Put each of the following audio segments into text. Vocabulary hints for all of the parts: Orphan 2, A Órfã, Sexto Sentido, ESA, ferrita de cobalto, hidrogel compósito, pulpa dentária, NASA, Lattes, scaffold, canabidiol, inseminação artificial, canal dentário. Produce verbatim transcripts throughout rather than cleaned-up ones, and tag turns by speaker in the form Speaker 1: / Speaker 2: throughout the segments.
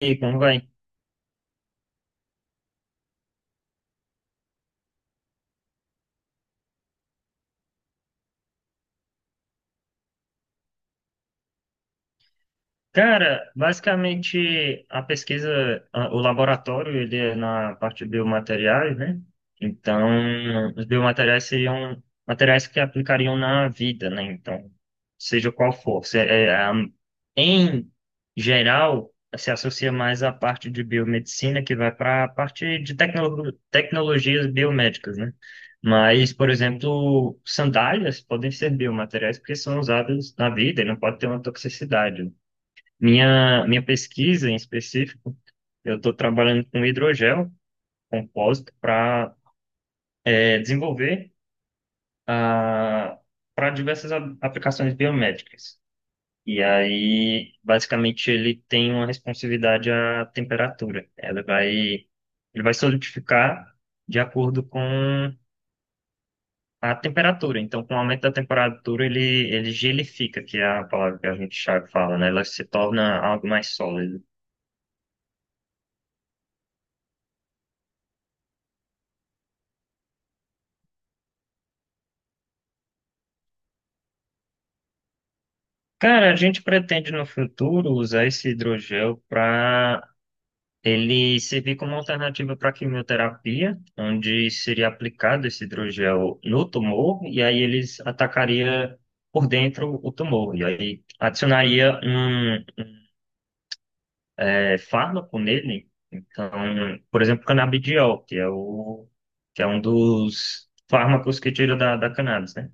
Speaker 1: E aí, como vai? Cara, basicamente a pesquisa, a- o laboratório, ele é na parte de biomateriais, né? Então, os biomateriais seriam materiais que aplicariam na vida, né? Então, seja qual for. Se- é, é, a- em geral, se associa mais à parte de biomedicina, que vai para a parte de tecno- tecnologias biomédicas, né? Mas, por exemplo, sandálias podem ser biomateriais porque são usados na vida e não pode ter uma toxicidade. Minha, minha pesquisa em específico, eu estou trabalhando com hidrogel compósito para desenvolver, ah, para diversas a- aplicações biomédicas. E aí, basicamente, ele tem uma responsividade à temperatura. Ela vai, ele vai solidificar de acordo com a temperatura. Então, com o aumento da temperatura, ele, ele gelifica, que é a palavra que a gente já fala, né? Ela se torna algo mais sólido. Cara, a gente pretende no futuro usar esse hidrogel para ele servir como alternativa para quimioterapia, onde seria aplicado esse hidrogel no tumor e aí eles atacaria por dentro o tumor e aí adicionaria um eh, fármaco nele. Então, por exemplo, canabidiol, que é o que é um dos fármacos que tira da, da cannabis, né?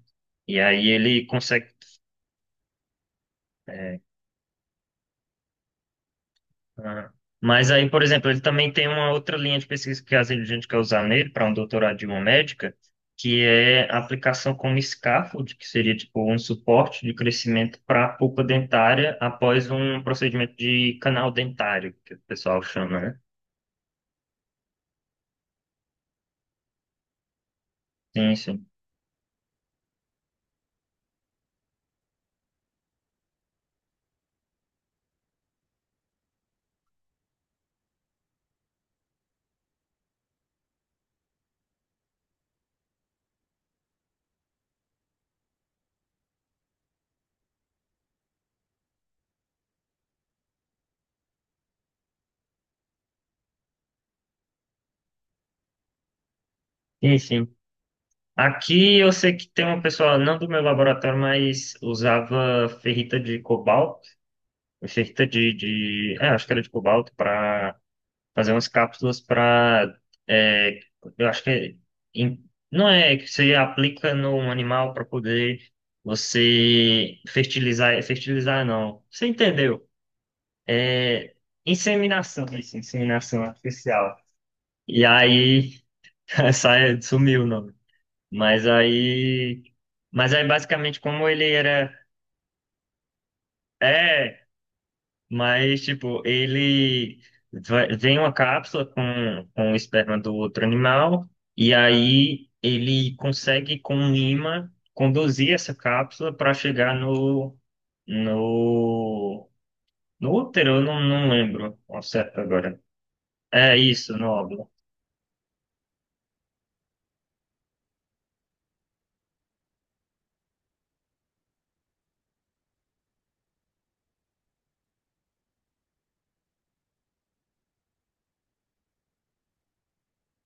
Speaker 1: E aí ele consegue. Ah. Mas aí, por exemplo, ele também tem uma outra linha de pesquisa que às vezes a gente quer usar nele para um doutorado de uma médica, que é a aplicação como scaffold, que seria tipo um suporte de crescimento para a pulpa dentária após um procedimento de canal dentário, que o pessoal chama, né? Sim, sim. Sim, sim. Aqui eu sei que tem uma pessoa, não do meu laboratório, mas usava ferrita de cobalto, ferrita de, de, é, acho que era de cobalto, para fazer umas cápsulas para. Eu acho que é em- não é que você aplica no animal para poder você fertilizar. Fertilizar não. Você entendeu? É inseminação, isso, inseminação artificial. E aí, essa é- sumiu o nome. Mas aí. Mas aí, basicamente, como ele era. É, mas, tipo, ele vai- vem uma cápsula com, com o esperma do outro animal, e aí ele consegue, com um imã, conduzir essa cápsula para chegar no, no, no útero, eu não, não lembro ao certo agora. É isso, no óvulo.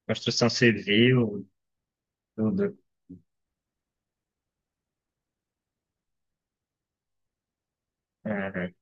Speaker 1: Construção civil, tudo. Aham,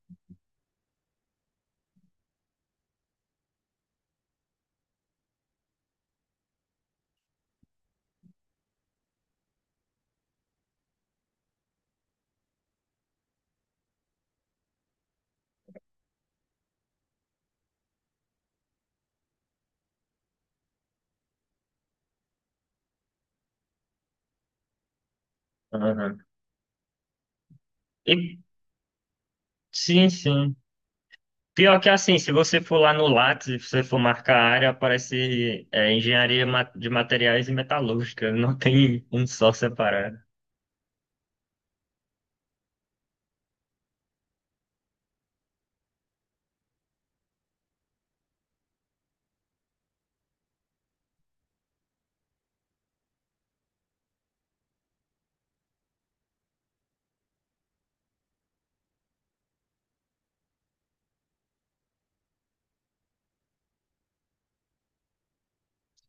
Speaker 1: aham. E, sim, sim. Pior que assim, se você for lá no Lattes, se você for marcar a área, aparece é, engenharia ma- de materiais e metalúrgica, não tem um só separado.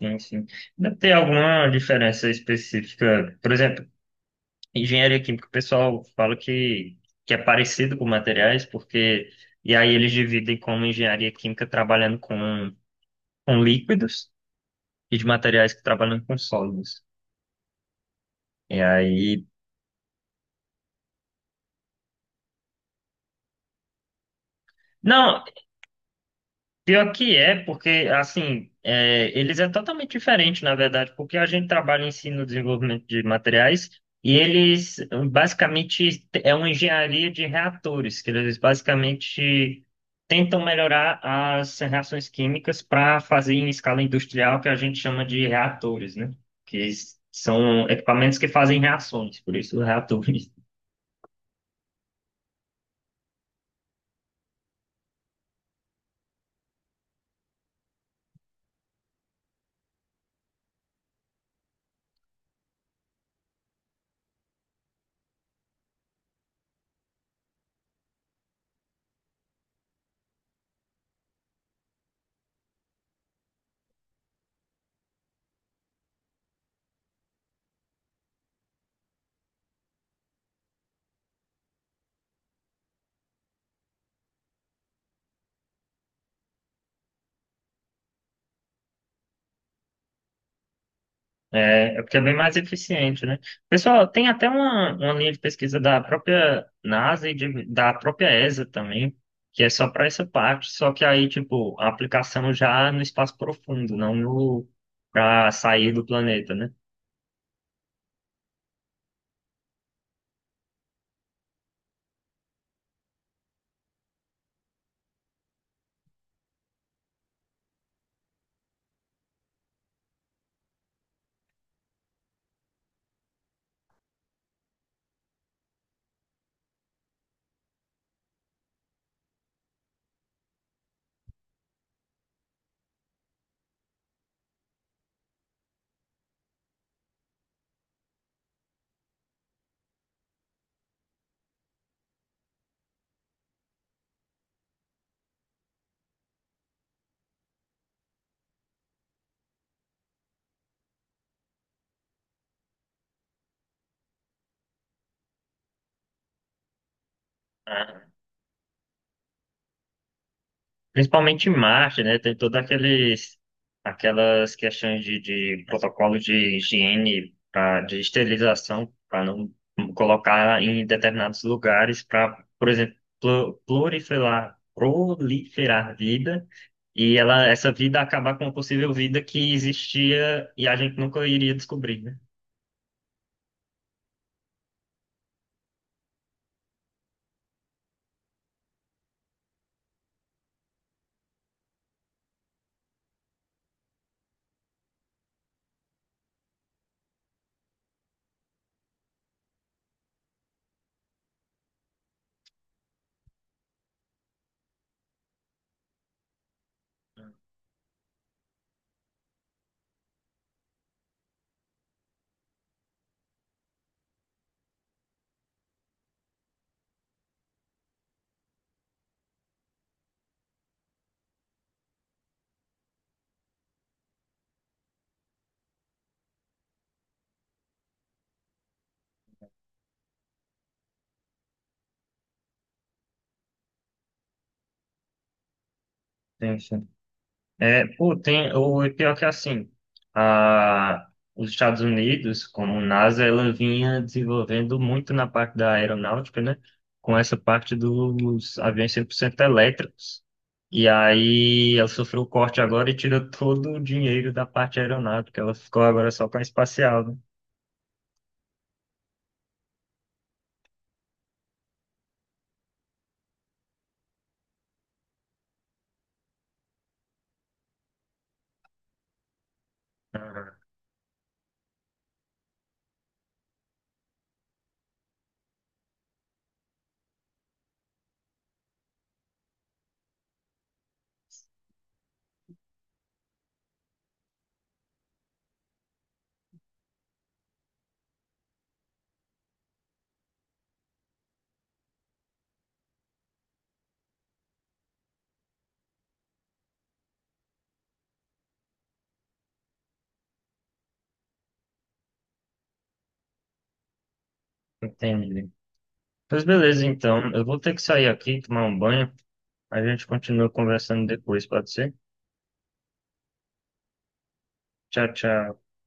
Speaker 1: Enfim, deve ter alguma diferença específica. Por exemplo, engenharia química, o pessoal fala que, que é parecido com materiais, porque. E aí eles dividem como engenharia química trabalhando com, com líquidos e de materiais que trabalham com sólidos. E aí. Não, pior que é, porque, assim, é, eles é totalmente diferente, na verdade, porque a gente trabalha em si no desenvolvimento de materiais e eles, basicamente, é uma engenharia de reatores, que eles, basicamente, tentam melhorar as reações químicas para fazer em escala industrial, que a gente chama de reatores, né? Que s- são equipamentos que fazem reações, por isso reatores. É, é porque é bem mais eficiente, né? Pessoal, tem até uma, uma linha de pesquisa da própria NASA e de- da própria ESA também, que é só para essa parte, só que aí, tipo, a aplicação já é no espaço profundo, não no para sair do planeta, né? Principalmente em Marte, né? Tem todas aqueles, aquelas questões de, de protocolo de higiene, pra, de esterilização, para não colocar em determinados lugares, para, por exemplo, plu- proliferar, proliferar vida, e ela, essa vida acabar com uma possível vida que existia e a gente nunca iria descobrir, né? É, pô, tem, o pior que é assim, a, os Estados Unidos, como NASA, ela vinha desenvolvendo muito na parte da aeronáutica, né? Com essa parte dos aviões cem por cento elétricos. E aí ela sofreu o corte agora e tirou todo o dinheiro da parte aeronáutica. Ela ficou agora só com a espacial, né? Ah, entendi. Pois beleza, então. Eu vou ter que sair aqui, tomar um banho. A gente continua conversando depois, pode ser? Tchau, tchau.